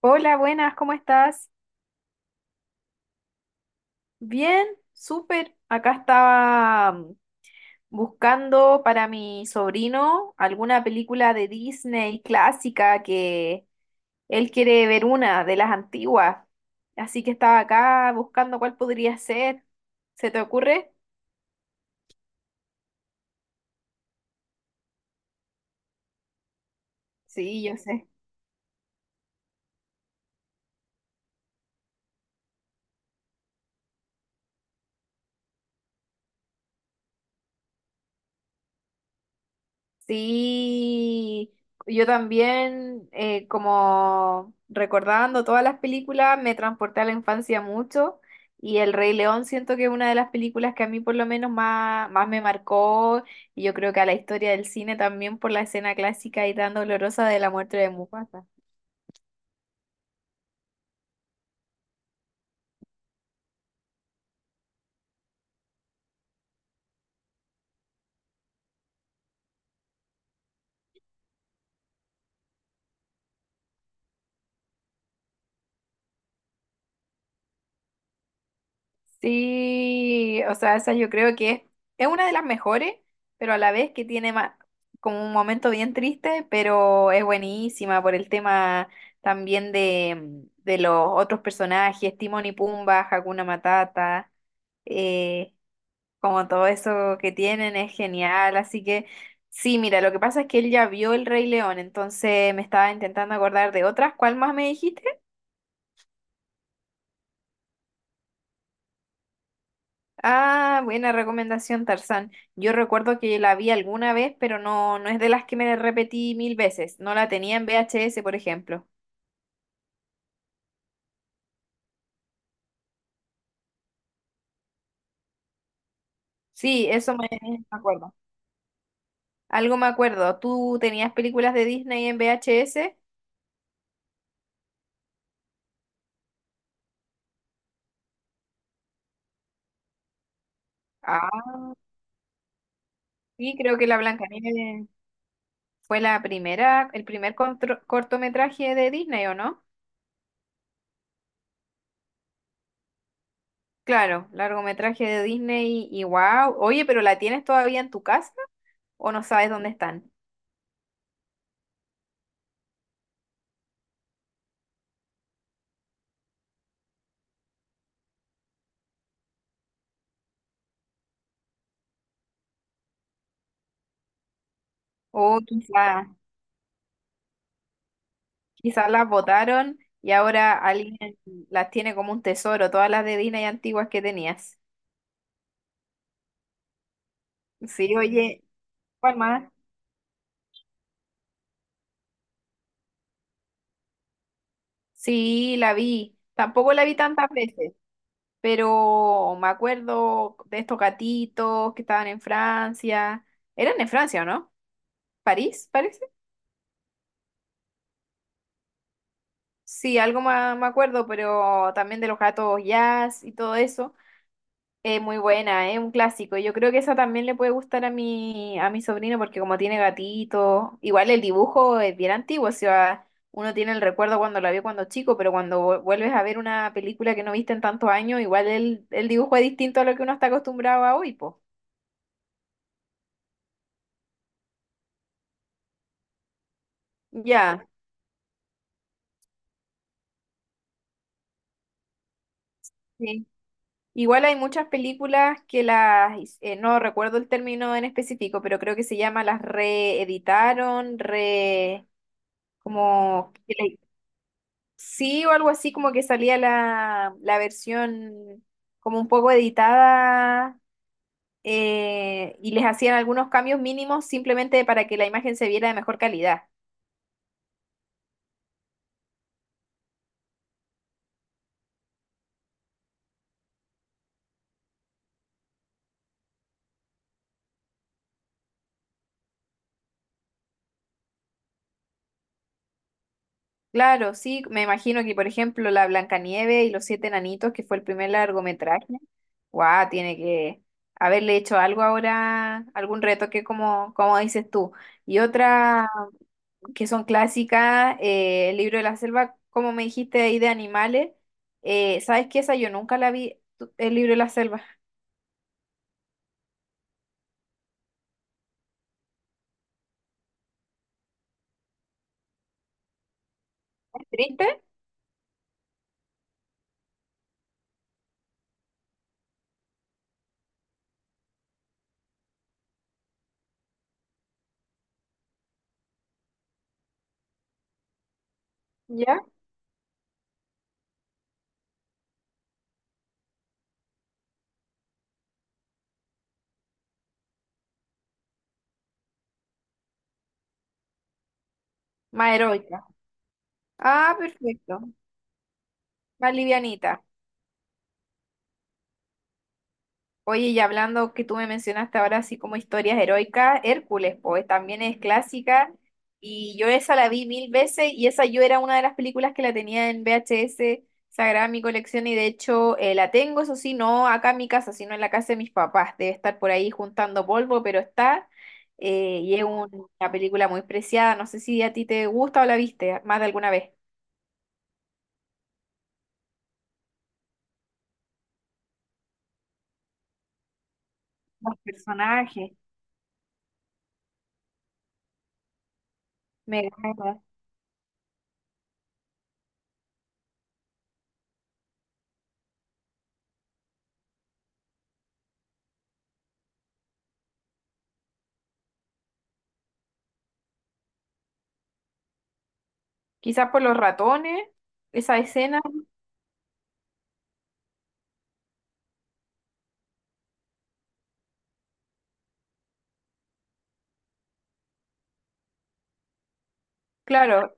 Hola, buenas, ¿cómo estás? Bien, súper. Acá estaba buscando para mi sobrino alguna película de Disney clásica que él quiere ver una de las antiguas. Así que estaba acá buscando cuál podría ser. ¿Se te ocurre? Sí, yo sé. Sí, yo también, como recordando todas las películas, me transporté a la infancia mucho y El Rey León siento que es una de las películas que a mí por lo menos más me marcó, y yo creo que a la historia del cine también, por la escena clásica y tan dolorosa de la muerte de Mufasa. Sí, o sea, esa yo creo que es una de las mejores, pero a la vez que tiene como un momento bien triste, pero es buenísima por el tema también de los otros personajes, Timón y Pumba, Hakuna Matata, eh, como todo eso que tienen es genial, así que sí. Mira, lo que pasa es que él ya vio El Rey León, entonces me estaba intentando acordar de otras. ¿Cuál más me dijiste? Ah, buena recomendación, Tarzán. Yo recuerdo que la vi alguna vez, pero no es de las que me repetí mil veces. No la tenía en VHS, por ejemplo. Sí, eso me acuerdo. Algo me acuerdo. ¿Tú tenías películas de Disney en VHS? Ah, sí, creo que la Blancanieves fue la primera, el primer cortometraje de Disney, ¿o no? Claro, largometraje de Disney. Y wow, oye, pero ¿la tienes todavía en tu casa o no sabes dónde están? O quizás. Quizás las botaron y ahora alguien las tiene como un tesoro, todas las de Disney antiguas que tenías. Sí, oye, ¿cuál más? Sí, la vi. Tampoco la vi tantas veces, pero me acuerdo de estos gatitos que estaban en Francia. ¿Eran en Francia o no? ¿París, parece? Sí, algo más me acuerdo, pero también de los gatos jazz y todo eso. Muy buena, es un clásico. Yo creo que esa también le puede gustar a a mi sobrino, porque como tiene gatito, igual el dibujo es bien antiguo. O sea, uno tiene el recuerdo cuando la vio cuando chico, pero cuando vuelves a ver una película que no viste en tantos años, igual el dibujo es distinto a lo que uno está acostumbrado a hoy, po. Ya, sí. Igual hay muchas películas que no recuerdo el término en específico, pero creo que se llama las reeditaron, como. Sí, o algo así, como que salía la versión como un poco editada, y les hacían algunos cambios mínimos simplemente para que la imagen se viera de mejor calidad. Claro, sí, me imagino que por ejemplo la Blancanieve y los siete enanitos, que fue el primer largometraje, guau, tiene que haberle hecho algo ahora, algún retoque como, como dices tú. Y otra que son clásicas, El libro de la selva, como me dijiste ahí de animales. Eh, ¿sabes qué? Esa yo nunca la vi, El libro de la selva. ¿Triste? ¿Ya? Más heroica. Ah, perfecto. Más livianita. Oye, y hablando que tú me mencionaste ahora así como historias heroicas, Hércules, pues también es clásica, y yo esa la vi mil veces, y esa yo era una de las películas que la tenía en VHS sagrada en mi colección. Y de hecho, la tengo, eso sí, no acá en mi casa, sino en la casa de mis papás, debe estar por ahí juntando polvo, pero está. Eh, y es una película muy preciada, no sé si a ti te gusta o la viste más de alguna vez. Los personajes, me encanta. Quizás por los ratones, esa escena, claro,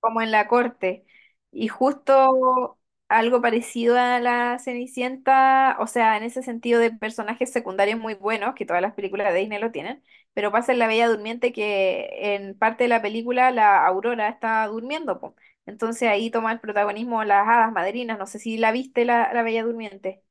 como en la corte. Y justo algo parecido a la Cenicienta, o sea, en ese sentido de personajes secundarios muy buenos, que todas las películas de Disney lo tienen, pero pasa en La Bella Durmiente que en parte de la película la Aurora está durmiendo, po. Entonces ahí toma el protagonismo las hadas madrinas, no sé si la viste la Bella Durmiente.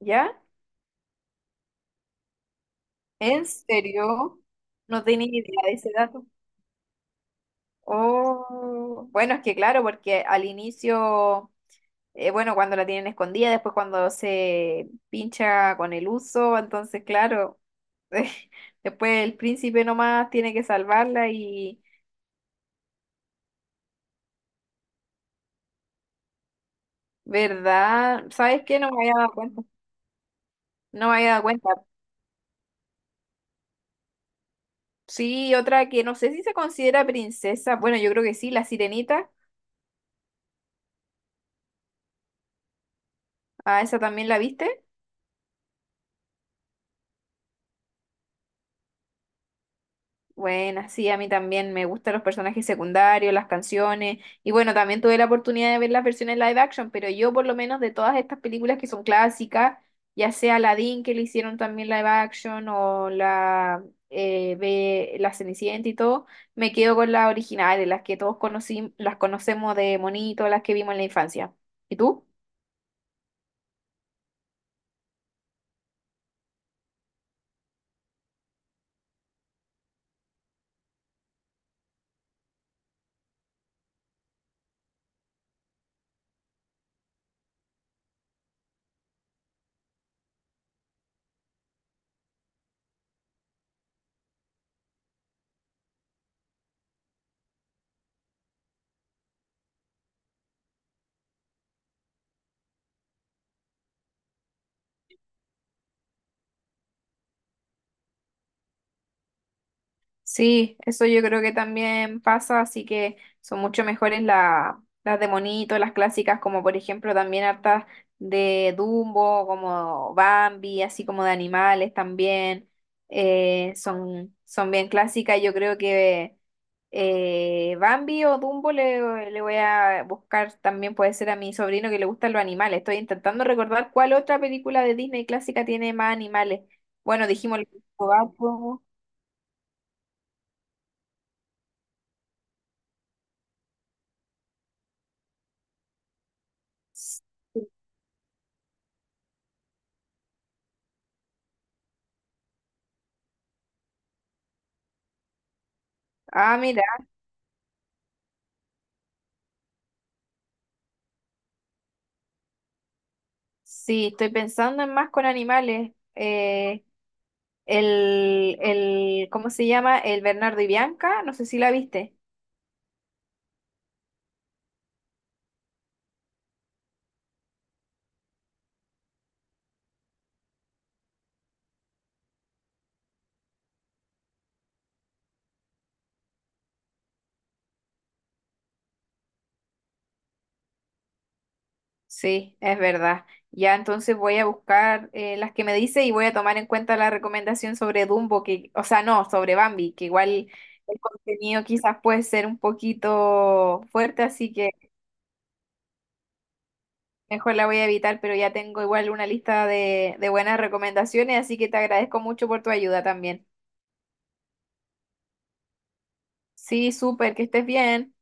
¿Ya? ¿En serio? No tenía ni idea de ese dato. Oh, bueno, es que claro, porque al inicio... Eh, bueno, cuando la tienen escondida, después cuando se pincha con el uso, entonces claro, después el príncipe nomás tiene que salvarla y, ¿verdad? ¿Sabes qué? No me había dado cuenta. No me había dado cuenta. Sí, otra que no sé si se considera princesa. Bueno, yo creo que sí, la sirenita. Ah, esa también la viste. Buena, sí, a mí también me gustan los personajes secundarios, las canciones, y bueno, también tuve la oportunidad de ver las versiones live action, pero yo por lo menos de todas estas películas que son clásicas, ya sea Aladdin, que le hicieron también live action, o la Cenicienta y todo, me quedo con las originales, las que todos conocí, las conocemos de monito, las que vimos en la infancia. ¿Y tú? Sí, eso yo creo que también pasa, así que son mucho mejores las de monito, las clásicas, como por ejemplo también hartas de Dumbo, como Bambi, así como de animales también. Eh, son bien clásicas. Yo creo que Bambi o Dumbo le voy a buscar también, puede ser a mi sobrino que le gustan los animales. Estoy intentando recordar cuál otra película de Disney clásica tiene más animales. Bueno, dijimos el Gato. Ah, mira, sí, estoy pensando en más con animales. ¿Cómo se llama? El Bernardo y Bianca, no sé si la viste. Sí, es verdad. Ya, entonces voy a buscar las que me dice y voy a tomar en cuenta la recomendación sobre Dumbo, que, o sea, no, sobre Bambi, que igual el contenido quizás puede ser un poquito fuerte, así que mejor la voy a evitar, pero ya tengo igual una lista de buenas recomendaciones, así que te agradezco mucho por tu ayuda también. Sí, súper, que estés bien.